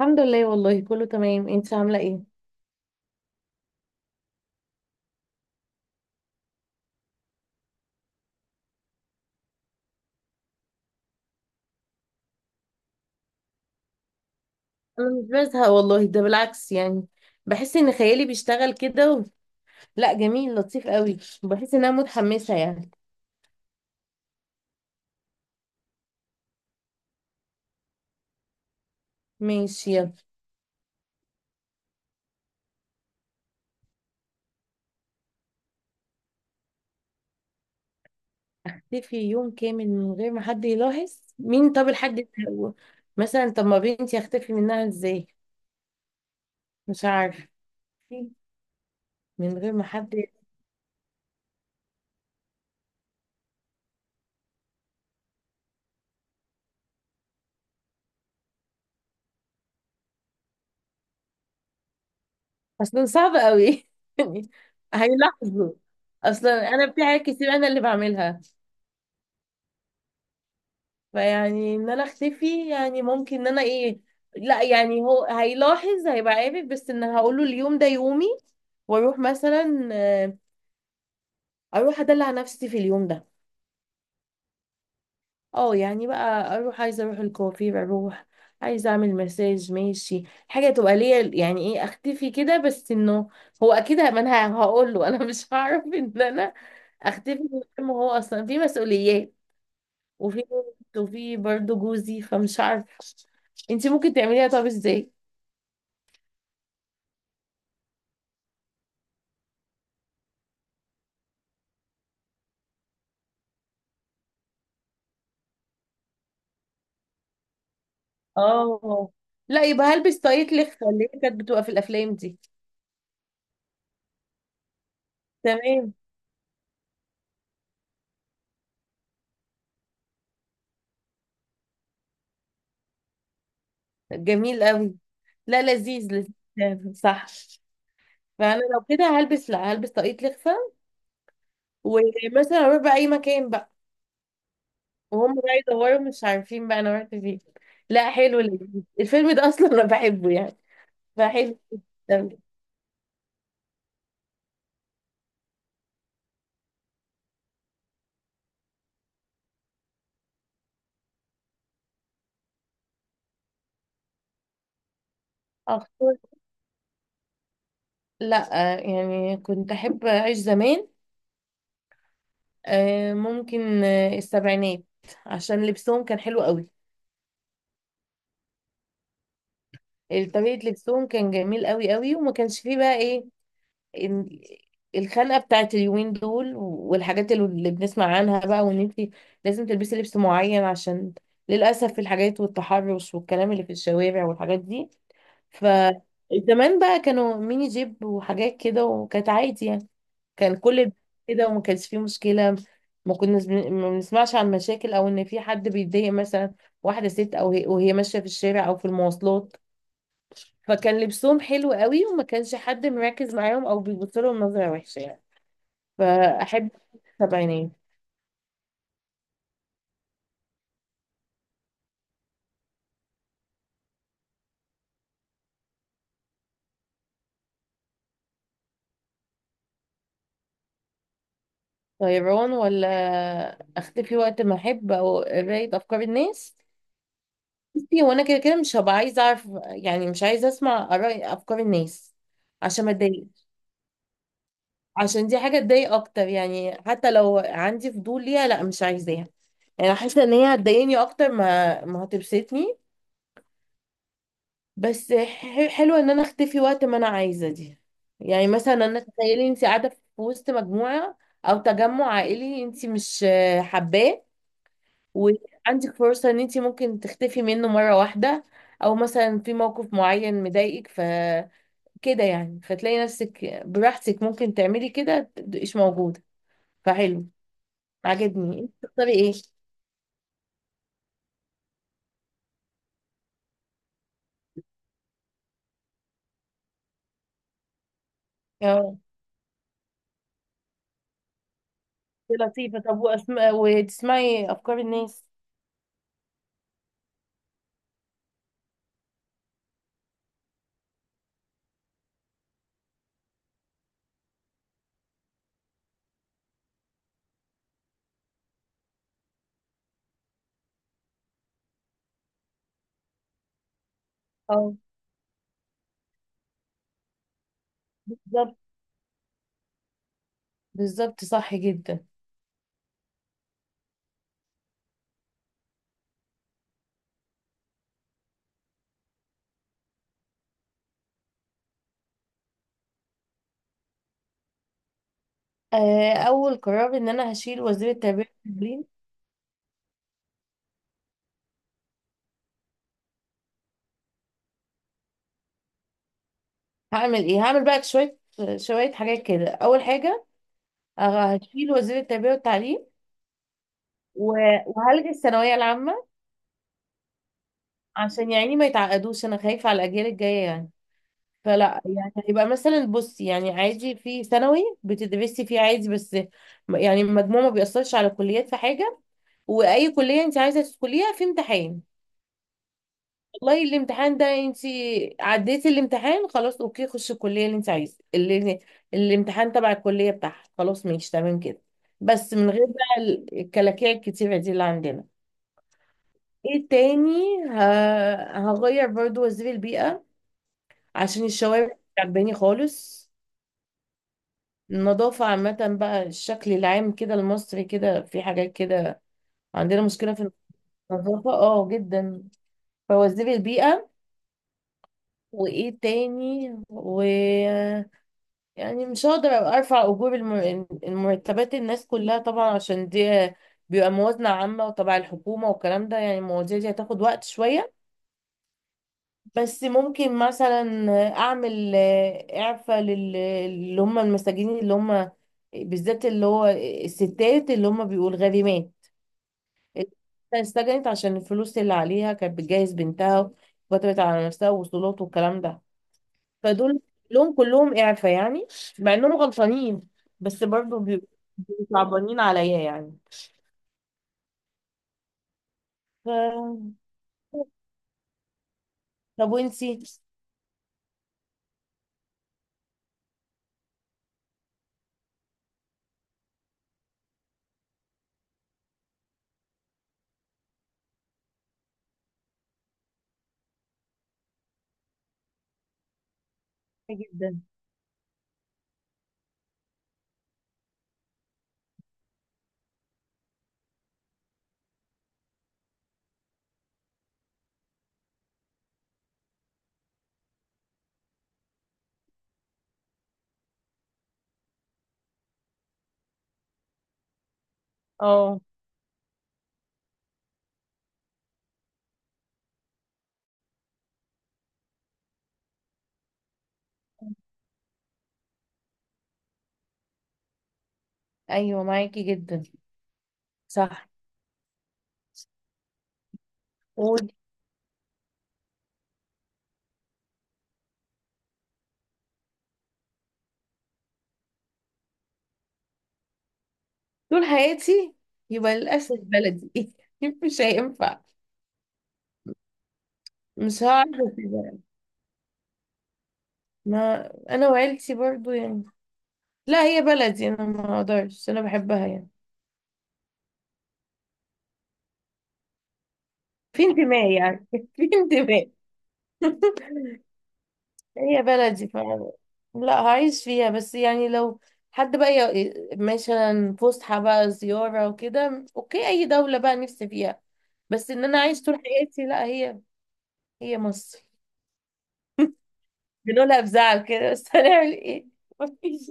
الحمد لله، والله كله تمام. انت عامله ايه؟ انا مش بزهق والله، ده بالعكس يعني. بحس ان خيالي بيشتغل كده لا، جميل، لطيف قوي. بحس ان انا متحمسه يعني. ماشي يلا. اختفي يوم كامل من غير ما حد يلاحظ؟ مين؟ طب الحد ده هو؟ مثلا طب ما بنتي اختفي منها ازاي؟ مش عارفه. من غير ما حد، اصلا صعب قوي يعني. هيلاحظوا. اصلا انا في حاجات كتير انا اللي بعملها، فيعني ان انا اختفي يعني ممكن ان انا ايه. لا يعني هو هيلاحظ، هيبقى عارف، بس ان هقول له اليوم ده يومي، واروح مثلا. اروح ادلع نفسي في اليوم ده. اه يعني بقى اروح، عايزه اروح الكوافير، اروح عايزه اعمل مساج، ماشي. حاجه تبقى ليا يعني، ايه اختفي كده، بس انه هو اكيد ما انا هقول له انا مش هعرف ان انا اختفي من غير ما هو، اصلا في مسؤوليات وفي وفي برضه جوزي، فمش عارفه. انتي ممكن تعمليها؟ طب ازاي؟ اه، لا يبقى هلبس طاقية لخفة اللي هي كانت بتبقى في الافلام دي. تمام. جميل قوي. لا لذيذ، لذيذ، صح. فانا لو كده هلبس، لا هلبس طاقية لخفة. ومثلا اروح بقى اي مكان بقى، وهم بقى يدوروا مش عارفين بقى انا رحت فين. لا حلو، لذيذ، الفيلم ده اصلا انا بحبه يعني. فحلو أوي. اختار. لا يعني كنت احب اعيش زمان. ممكن، السبعينات. عشان لبسهم كان حلو قوي. طريقة لبسهم كان جميل قوي قوي، وما كانش فيه بقى ايه. إن- الخنقة بتاعت اليومين دول والحاجات اللي بنسمع عنها بقى، وان انت لازم تلبسي لبس معين عشان للأسف الحاجات والتحرش والكلام اللي في الشوارع والحاجات دي. ف زمان بقى كانوا ميني جيب وحاجات كده، وكانت عادي يعني. كان كل كده، وما كانش فيه مشكلة. ما كناش ما بنسمعش عن مشاكل، او ان في حد بيتضايق مثلا. واحدة ست او وهي ماشية في الشارع او في المواصلات. فكان لبسهم حلو قوي، وما كانش حد مركز معاهم او بيبص لهم نظره وحشه يعني. فاحب السبعينات. طيران ولا اختفي وقت ما احب، او قرايه افكار الناس. بصي هو انا كده كده مش هبقى عايزه اعرف يعني، مش عايزه اسمع اراء افكار الناس، عشان ما اتضايق. عشان دي حاجه تضايق اكتر يعني. حتى لو عندي فضول ليها، لا مش عايزاها. يعني حاسه ان هي هتضايقني اكتر ما هتبسطني. بس حلوة ان انا اختفي وقت ما انا عايزة دي. يعني مثلا انا، تخيلي انت قاعدة في وسط مجموعة او تجمع عائلي، انت مش حباه، وعندك فرصة ان انت ممكن تختفي منه مرة واحدة. او مثلا في موقف معين مضايقك فكده، يعني فتلاقي نفسك براحتك ممكن تعملي كده تبقيش موجودة. فحلو. عجبني. انت تختاري ايه؟ اه، دي لطيفة. طب وأسماء وتسمعي افكار الناس؟ اه. بالظبط، بالظبط، صح جدا. اول قرار ان انا هشيل وزير التربيه والتعليم. هعمل ايه؟ هعمل بقى شويه حاجات كده. اول حاجه، هشيل وزير التربيه والتعليم و- وهلغي الثانويه العامه، عشان يعني ما يتعقدوش. انا خايفه على الاجيال الجايه يعني. فلا يعني، هيبقى مثلا، بصي يعني، عادي، في ثانوي بتدرسي فيه عادي، بس يعني المجموع ما بيأثرش على كليات في حاجه. واي كليه انت عايزه تدخليها في امتحان، والله الامتحان ده انت عديتي الامتحان، خلاص اوكي، خشي الكليه اللي انت عايزه، اللي الامتحان تبع الكليه بتاعها. خلاص، ماشي، تمام كده، بس من غير بقى الكلاكيع الكتيره دي اللي عندنا. ايه تاني؟ ه... هغير برضو وزير البيئه، عشان الشوارع مش عجباني خالص. النظافه عامه بقى، الشكل العام كده المصري، كده في حاجات كده، عندنا مشكله في النظافه، اه جدا. فوزير البيئه. وايه تاني، و يعني مش هقدر ابقى ارفع اجور المرتبات الناس كلها طبعا، عشان دي بيبقى موازنة عامة وتبع الحكومة والكلام ده يعني، المواضيع دي هتاخد وقت شوية. بس ممكن مثلا اعمل اعفاء اللي هم المساجين، اللي هم بالذات اللي هو الستات اللي هم بيقول غريمات، اللي اتسجنت عشان الفلوس اللي عليها كانت بتجهز بنتها وكتبت على نفسها وصولات والكلام ده. فدول لهم كلهم إعفاء يعني، مع إنهم غلطانين، بس برضو بيبقوا صعبانين عليا يعني. ف... طب وانتي؟ جدا، اه، ايوه معاكي جدا، صح. وطول حياتي يبقى للأسف بلدي مش هينفع. مش هعرف أسيبها. ما انا وعيلتي برضو يعني، لا هي بلدي انا، ما اقدرش، انا بحبها يعني. في انتماء يعني في انتماء. هي بلدي، ف لا هعيش فيها. بس يعني لو حد بقى مثلا فسحة بقى، زيارة وكده، اوكي اي دولة بقى نفسي فيها، بس ان انا اعيش طول حياتي لا، هي هي مصر. بنقولها بزعل كده، بس هنعمل ايه؟ مفيش.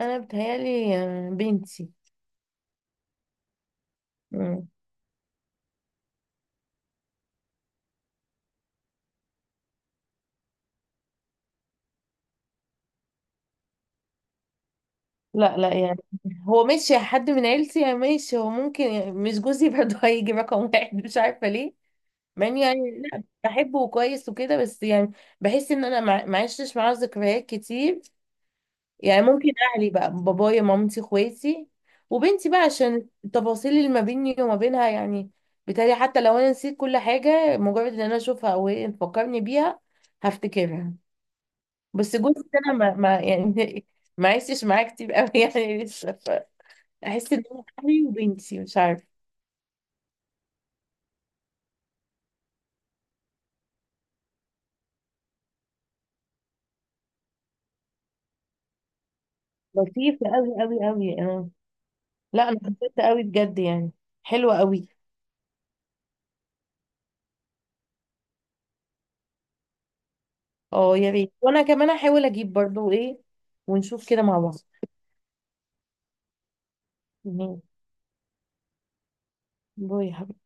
انا بتهيالي بنتي. مم. لا لا يعني، هو ماشي حد من عيلتي يعني، ماشي، هو ممكن يعني، مش جوزي برضه هيجي رقم واحد، مش عارفة ليه. مع اني يعني لا بحبه وكويس وكده، بس يعني بحس ان انا ما عشتش معاه ذكريات كتير يعني. ممكن اهلي بقى، بابايا، مامتي، اخواتي، وبنتي بقى، عشان التفاصيل اللي ما بيني وما بينها يعني. بالتالي حتى لو انا نسيت كل حاجة، مجرد ان انا اشوفها او هي تفكرني بيها هفتكرها. بس جوزي ده انا ما يعني ما عشتش معاه كتير قوي يعني لسه. احس ان هو، اهلي وبنتي، مش عارفه. لطيفة قوي قوي قوي، اه. لا انا حبيتها قوي بجد يعني، حلوة قوي. اه يا ريت، وانا كمان هحاول اجيب برضو ايه، ونشوف كده مع بعض. تمام. باي يا حبيبي.